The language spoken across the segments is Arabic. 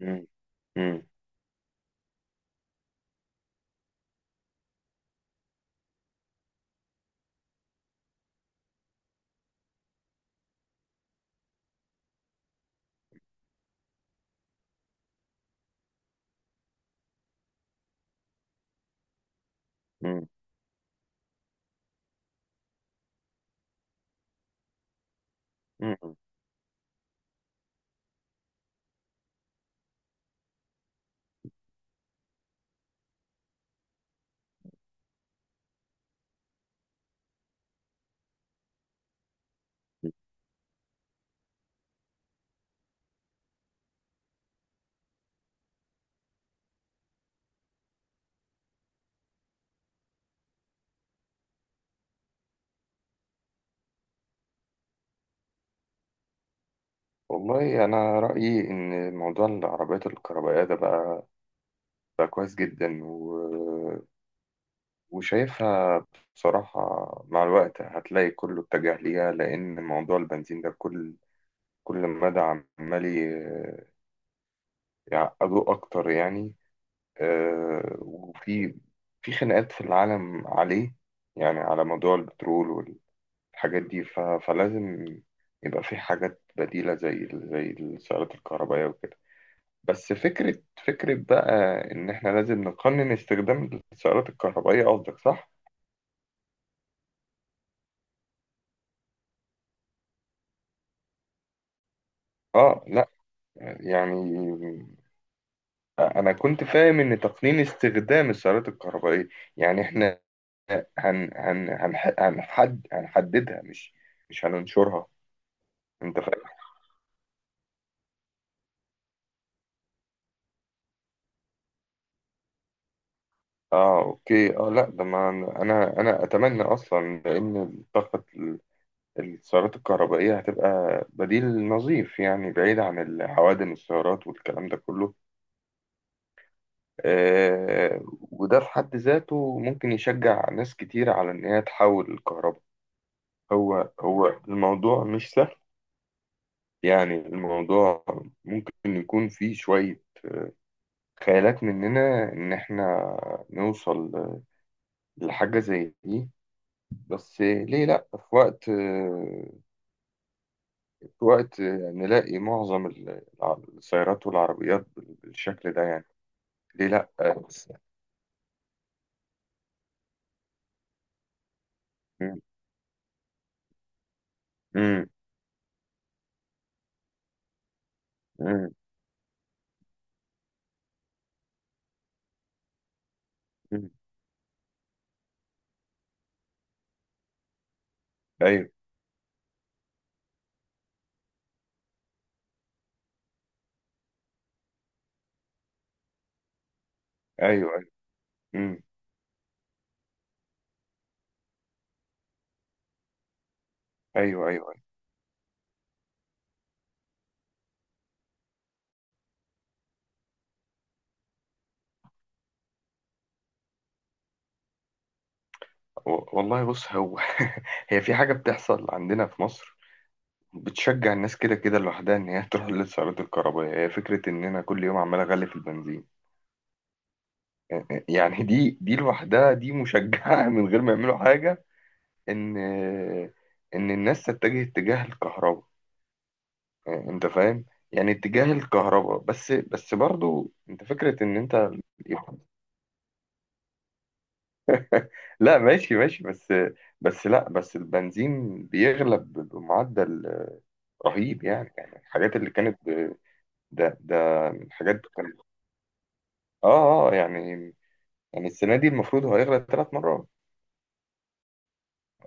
مم. مم. مم. مم. والله أنا رأيي إن موضوع العربيات الكهربائية ده بقى كويس جدا وشايفها بصراحة مع الوقت هتلاقي كله اتجه ليها، لأن موضوع البنزين ده كل مدى عمال يعقدوه أكتر يعني. وفي خناقات في العالم عليه، يعني على موضوع البترول، الحاجات دي فلازم يبقى في حاجات بديلة، زي السيارات الكهربائية وكده. بس فكرة بقى، إن إحنا لازم نقنن استخدام السيارات الكهربائية، قصدك صح؟ آه لأ، يعني أنا كنت فاهم إن تقنين استخدام السيارات الكهربائية يعني إحنا هن هن هنح- هنحد هنحددها، مش هننشرها. أنت فاهم؟ اه، اوكي، اه، لا ده ما انا اتمنى اصلا، لان الطاقه السيارات الكهربائية هتبقى بديل نظيف، يعني بعيد عن العوادم السيارات والكلام ده كله. آه، وده في حد ذاته ممكن يشجع ناس كتير على إن هي تحول الكهرباء. هو الموضوع مش سهل، يعني الموضوع ممكن يكون فيه شوية خيالات مننا إن إحنا نوصل لحاجة زي دي. بس ليه لأ، في وقت نلاقي معظم السيارات والعربيات بالشكل ده يعني. ليه لا، بس. مم. مم. مم. مم. ايوه ايوه ايوه. مم. ايوه ايوه ايوه. والله بص هو، هي في حاجه بتحصل عندنا في مصر بتشجع الناس كده كده لوحدها، ان هي تروح للسيارات الكهربائيه. هي فكره، ان انا كل يوم عمال اغلي في البنزين. يعني دي دي لوحدها دي مشجعه من غير ما يعملوا حاجه، ان ان الناس تتجه اتجاه الكهرباء. انت فاهم؟ يعني اتجاه الكهرباء، بس برضو انت فكره ان انت. لا، ماشي ماشي، بس لا، بس البنزين بيغلى بمعدل رهيب. يعني الحاجات اللي كانت ده الحاجات كانت. اه اه، يعني السنة دي المفروض هو هيغلى 3 مرات.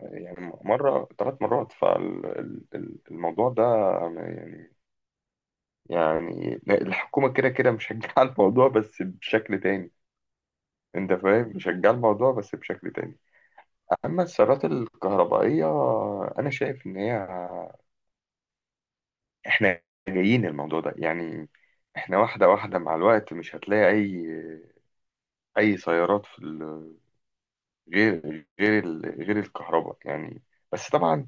يعني مرة، 3 مرات، فالموضوع ده. يعني الحكومة كده كده مشجعة الموضوع بس بشكل تاني. انت فاهم؟ مشجعة الموضوع بس بشكل تاني. اما السيارات الكهربائية، انا شايف ان هي، احنا جايين الموضوع ده يعني. احنا واحدة واحدة مع الوقت، مش هتلاقي أي سيارات في غير غير الكهرباء يعني. بس طبعا.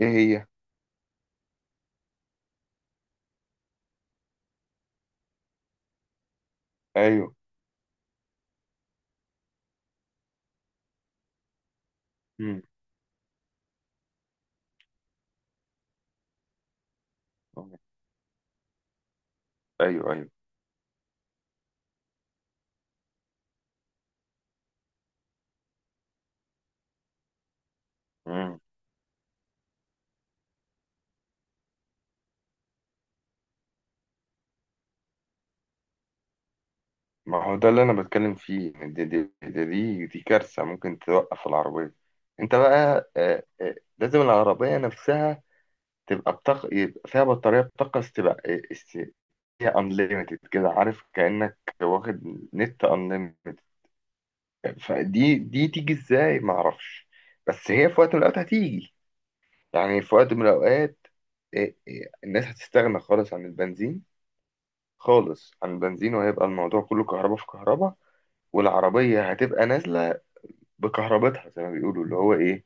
إيه هي؟ أيوه. مم. أيوه أيوه. مم. ما هو ده اللي أنا بتكلم فيه، دي كارثة ممكن توقف العربية. أنت بقى لازم العربية نفسها تبقى بطاقة، يبقى فيها بطارية بطاقة استباق، هي unlimited كده، عارف، كأنك واخد نت unlimited. فدي تيجي ازاي ما اعرفش، بس هي في وقت من الاوقات هتيجي، يعني في وقت من الاوقات. إيه الناس هتستغنى خالص عن البنزين، خالص عن البنزين، وهيبقى الموضوع كله كهرباء في كهرباء، والعربية هتبقى نازلة بكهربتها زي ما بيقولوا، اللي هو ايه،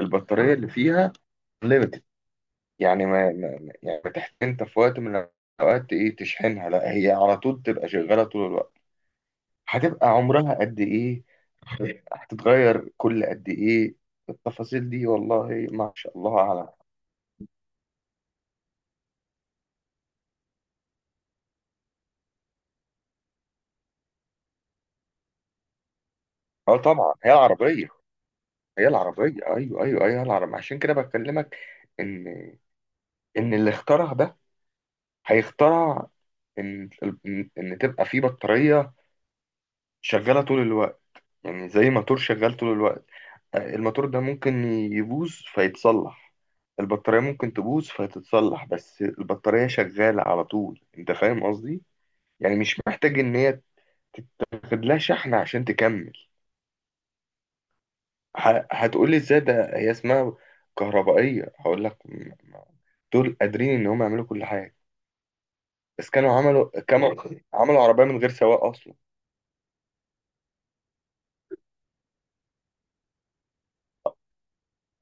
البطارية اللي فيها unlimited. يعني يعني ما يعني تحت، انت في وقت من الاوقات ايه تشحنها، لا هي على طول تبقى شغالة طول الوقت. هتبقى عمرها قد ايه، هتتغير كل قد ايه، التفاصيل دي والله ما شاء الله اعلم. اه طبعا هي العربيه، هي العربيه، ايوه ايوه ايوه، هي العربيه عشان كده بكلمك. ان اللي اخترع ده هيخترع، ان إن تبقى في بطاريه شغاله طول الوقت. يعني زي موتور شغال طول الوقت، الموتور ده ممكن يبوظ فيتصلح، البطاريه ممكن تبوظ فتتصلح، بس البطاريه شغاله على طول. انت فاهم قصدي؟ يعني مش محتاج ان هي تاخد لها شحن عشان تكمل. هتقولي ازاي ده هي اسمها كهربائية، هقول لك دول قادرين ان هم يعملوا كل حاجة. بس كانوا عملوا، كانوا عملوا عربية من غير سواق اصلا.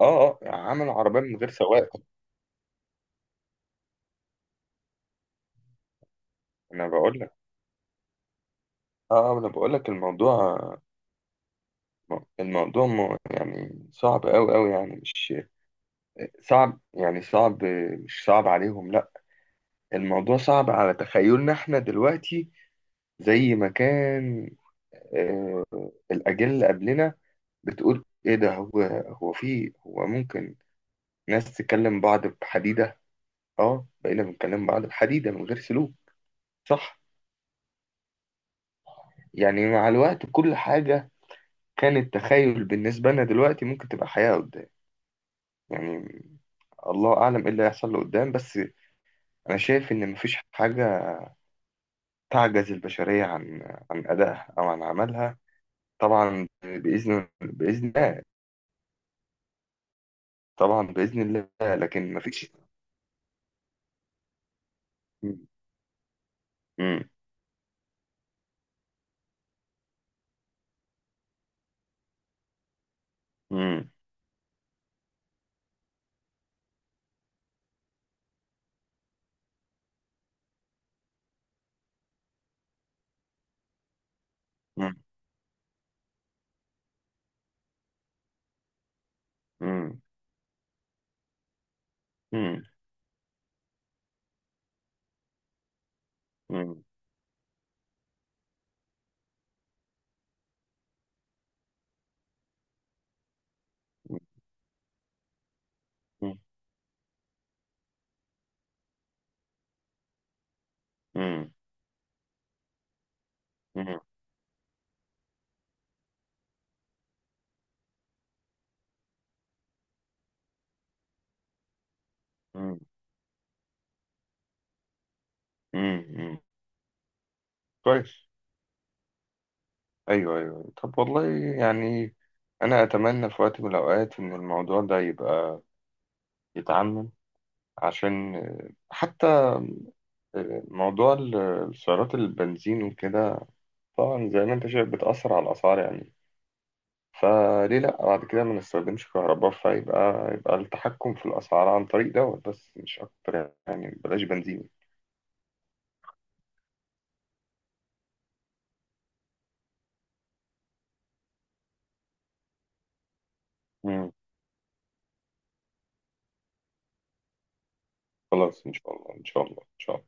اه اه، عملوا عربية من غير سواق. انا بقول لك، اه، انا بقول لك الموضوع، الموضوع يعني صعب قوي قوي يعني، مش صعب، يعني صعب، مش صعب عليهم لا، الموضوع صعب على تخيلنا احنا دلوقتي. زي ما كان آه، الأجيال اللي قبلنا بتقول إيه ده، هو في، هو ممكن ناس تكلم بعض بحديدة. أه، بقينا بنكلم بعض بحديدة من غير سلوك، صح؟ يعني مع الوقت كل حاجة كانت تخيل بالنسبة لنا دلوقتي ممكن تبقى حياة قدام يعني. الله أعلم إيه اللي هيحصل له قدام، بس أنا شايف إن مفيش حاجة تعجز البشرية عن أدائها أو عن عملها، طبعا بإذن الله. طبعا بإذن الله، لكن مفيش. مم. مم. مم. مم. مم. مم. مم. مم. مم. مم. مم. كويس. أيوه أيوه أيوه. طب والله، يعني أنا أتمنى في وقت من الأوقات إن الموضوع ده يبقى يتعمم، عشان حتى، موضوع السيارات البنزين وكده، طبعا زي ما أنت شايف بتأثر على الأسعار يعني. فليه لأ بعد كده ما نستخدمش كهرباء، فيبقى التحكم في الأسعار عن طريق دوت بس، مش أكتر يعني، بلاش بنزين. خلاص، إن شاء الله إن شاء الله إن شاء الله.